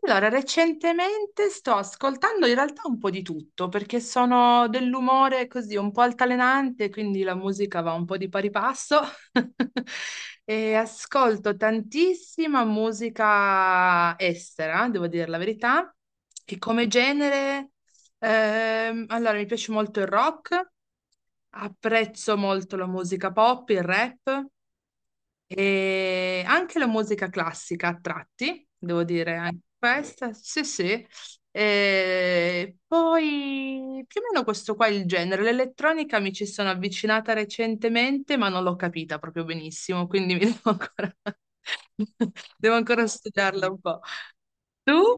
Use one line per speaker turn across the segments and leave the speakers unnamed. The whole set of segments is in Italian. Allora, recentemente sto ascoltando in realtà un po' di tutto perché sono dell'umore così un po' altalenante, quindi la musica va un po' di pari passo e ascolto tantissima musica estera, devo dire la verità, e come genere, allora mi piace molto il rock, apprezzo molto la musica pop, il rap. E anche la musica classica a tratti, devo dire, anche questa, sì, sì. E poi più o meno questo qua è il genere. L'elettronica mi ci sono avvicinata recentemente, ma non l'ho capita proprio benissimo, quindi mi devo ancora, devo ancora studiarla un po'. Tu?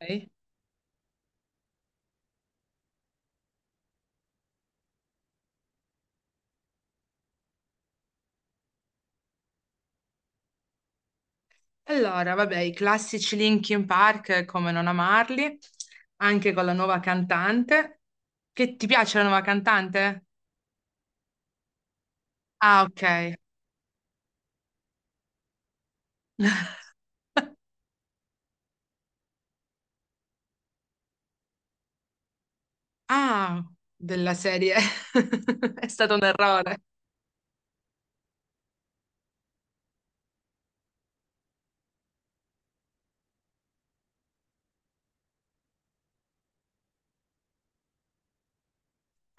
Ok. Allora, vabbè, i classici Linkin Park, come non amarli, anche con la nuova cantante. Che ti piace la nuova cantante? Ah, ok. Ah, della serie. È stato un errore.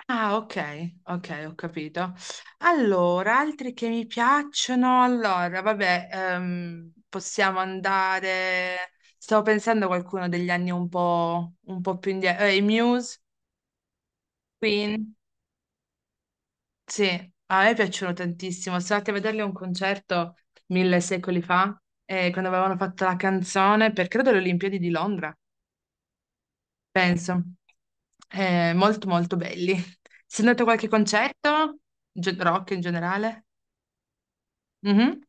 Ah, ok, ok, ho capito. Allora, altri che mi piacciono, allora, vabbè, possiamo andare... Stavo pensando a qualcuno degli anni un po' più indietro. I Muse, Queen. Sì, a me piacciono tantissimo. Sono andata a vederli a un concerto mille secoli fa, quando avevano fatto la canzone per, credo, le Olimpiadi di Londra. Penso. Molto molto belli. Sei andato a qualche concerto? Ge- rock in generale? Mhm.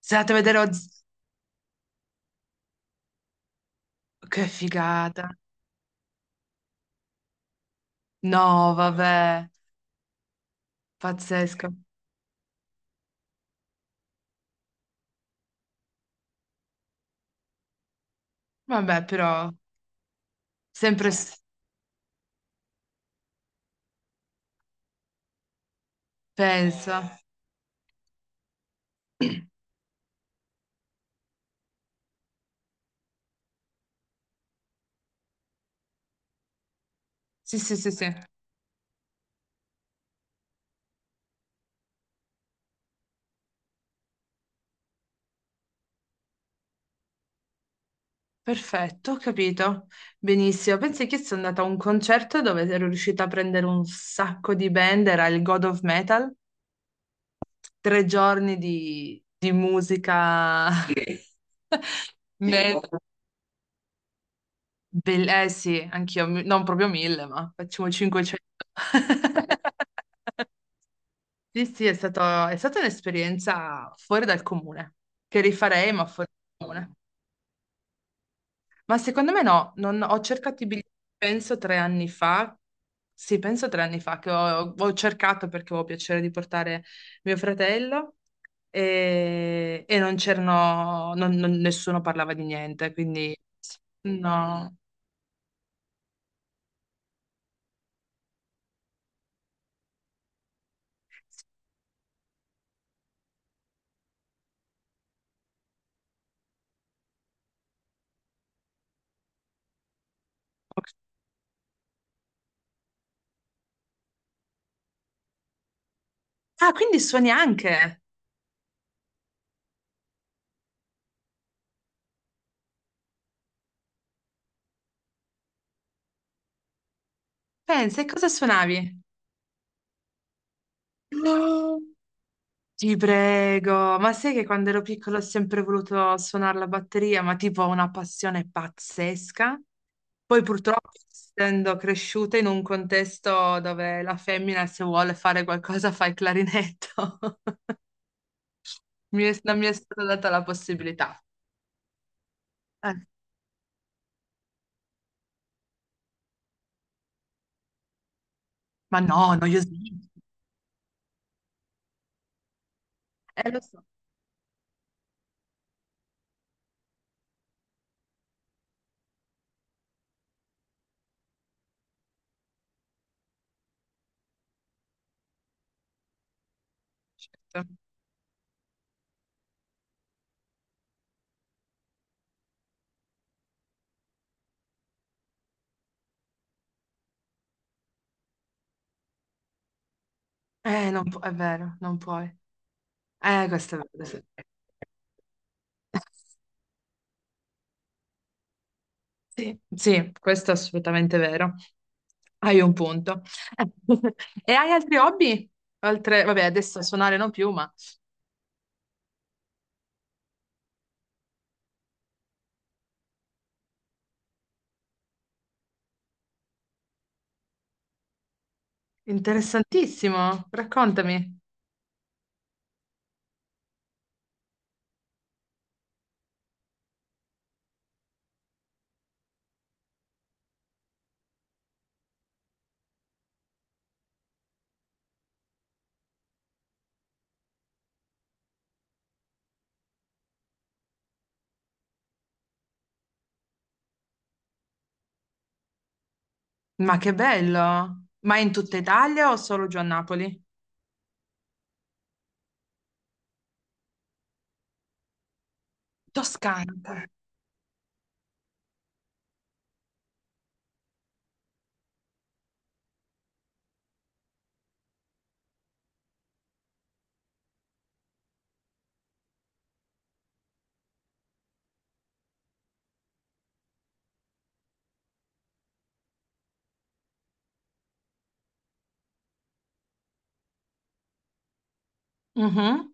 Sei andato a vedere Oz... Che figata. No, vabbè, pazzesco. Vabbè, però, sempre s- penso. Sì, sì, sì, sì. Perfetto, ho capito. Benissimo. Pensi che sono andata a un concerto dove ero riuscita a prendere un sacco di band, era il God of Metal. Tre giorni di musica. Sì, sì, Me- guarda. Bel- eh sì, anch'io, mi- non proprio mille, ma facciamo 500. Sì, sì, è stato- è stata un'esperienza fuori dal comune, che rifarei, ma fuori dal comune. Ma secondo me no, non- ho cercato i biglietti, penso tre anni fa, sì, penso tre anni fa che ho cercato perché avevo piacere di portare mio fratello e non c'erano, non- non- nessuno parlava di niente, quindi no. Ah, quindi suoni anche? Pensa, e cosa suonavi? No, ti prego, ma sai che quando ero piccolo ho sempre voluto suonare la batteria, ma tipo ho una passione pazzesca. Poi purtroppo, essendo cresciuta in un contesto dove la femmina se vuole fare qualcosa fa il clarinetto, mi è- non mi è stata data la possibilità. Eh, ma no, noiosissimo. Lo so, certo. Non pu- è vero, non puoi. Questo è vero. Sì, sì, questo è assolutamente vero. Hai un punto. E hai altri hobby? Altre... Vabbè, adesso suonare non più, ma interessantissimo. Raccontami. Ma che bello! Ma in tutta Italia o solo giù a Napoli? Toscana. Mhm.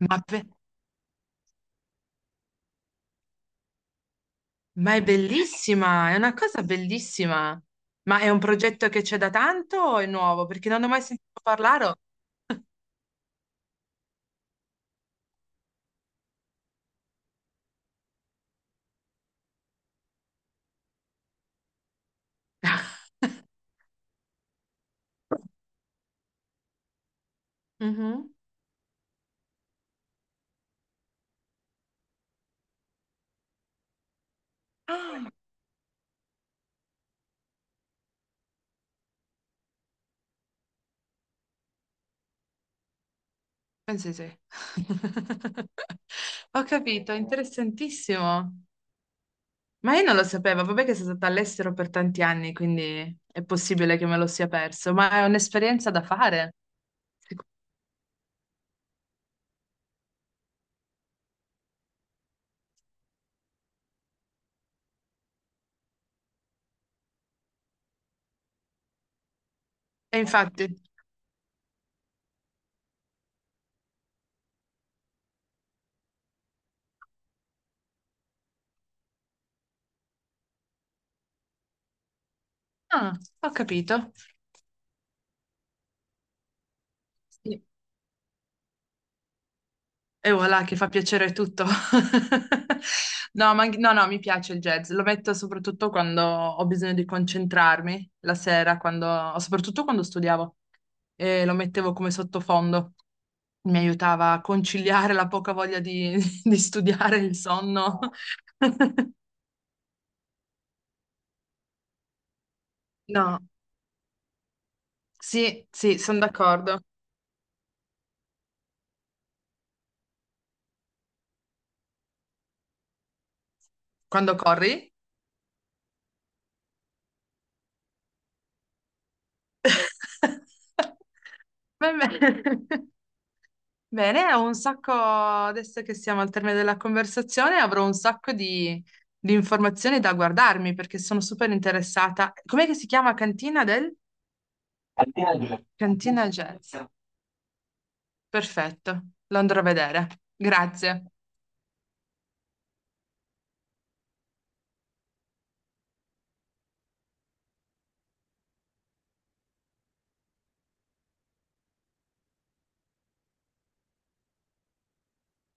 Ma, be- ma è bellissima, è una cosa bellissima. Ma è un progetto che c'è da tanto o è nuovo? Perché non ne ho mai sentito parlare. O- Mhm. Ah, pensi sì. Ho capito, interessantissimo. Ma io non lo sapevo, vabbè che sono stata all'estero per tanti anni, quindi è possibile che me lo sia perso, ma è un'esperienza da fare. Sicur- e infatti. Ah, ho capito. Sì. E voilà, che fa piacere tutto. No, ma anche- no, no, mi piace il jazz. Lo metto soprattutto quando ho bisogno di concentrarmi la sera, quando- soprattutto quando studiavo. E lo mettevo come sottofondo. Mi aiutava a conciliare la poca voglia di, di studiare, il sonno. No, sì, sì, sono d'accordo. Quando corri? Va bene. Bene, ho un sacco, adesso che siamo al termine della conversazione, avrò un sacco di informazioni da guardarmi perché sono super interessata. Com'è che si chiama Cantina del? Cantina Jazz. Cantina Jazz. Perfetto, lo andrò a vedere. Grazie.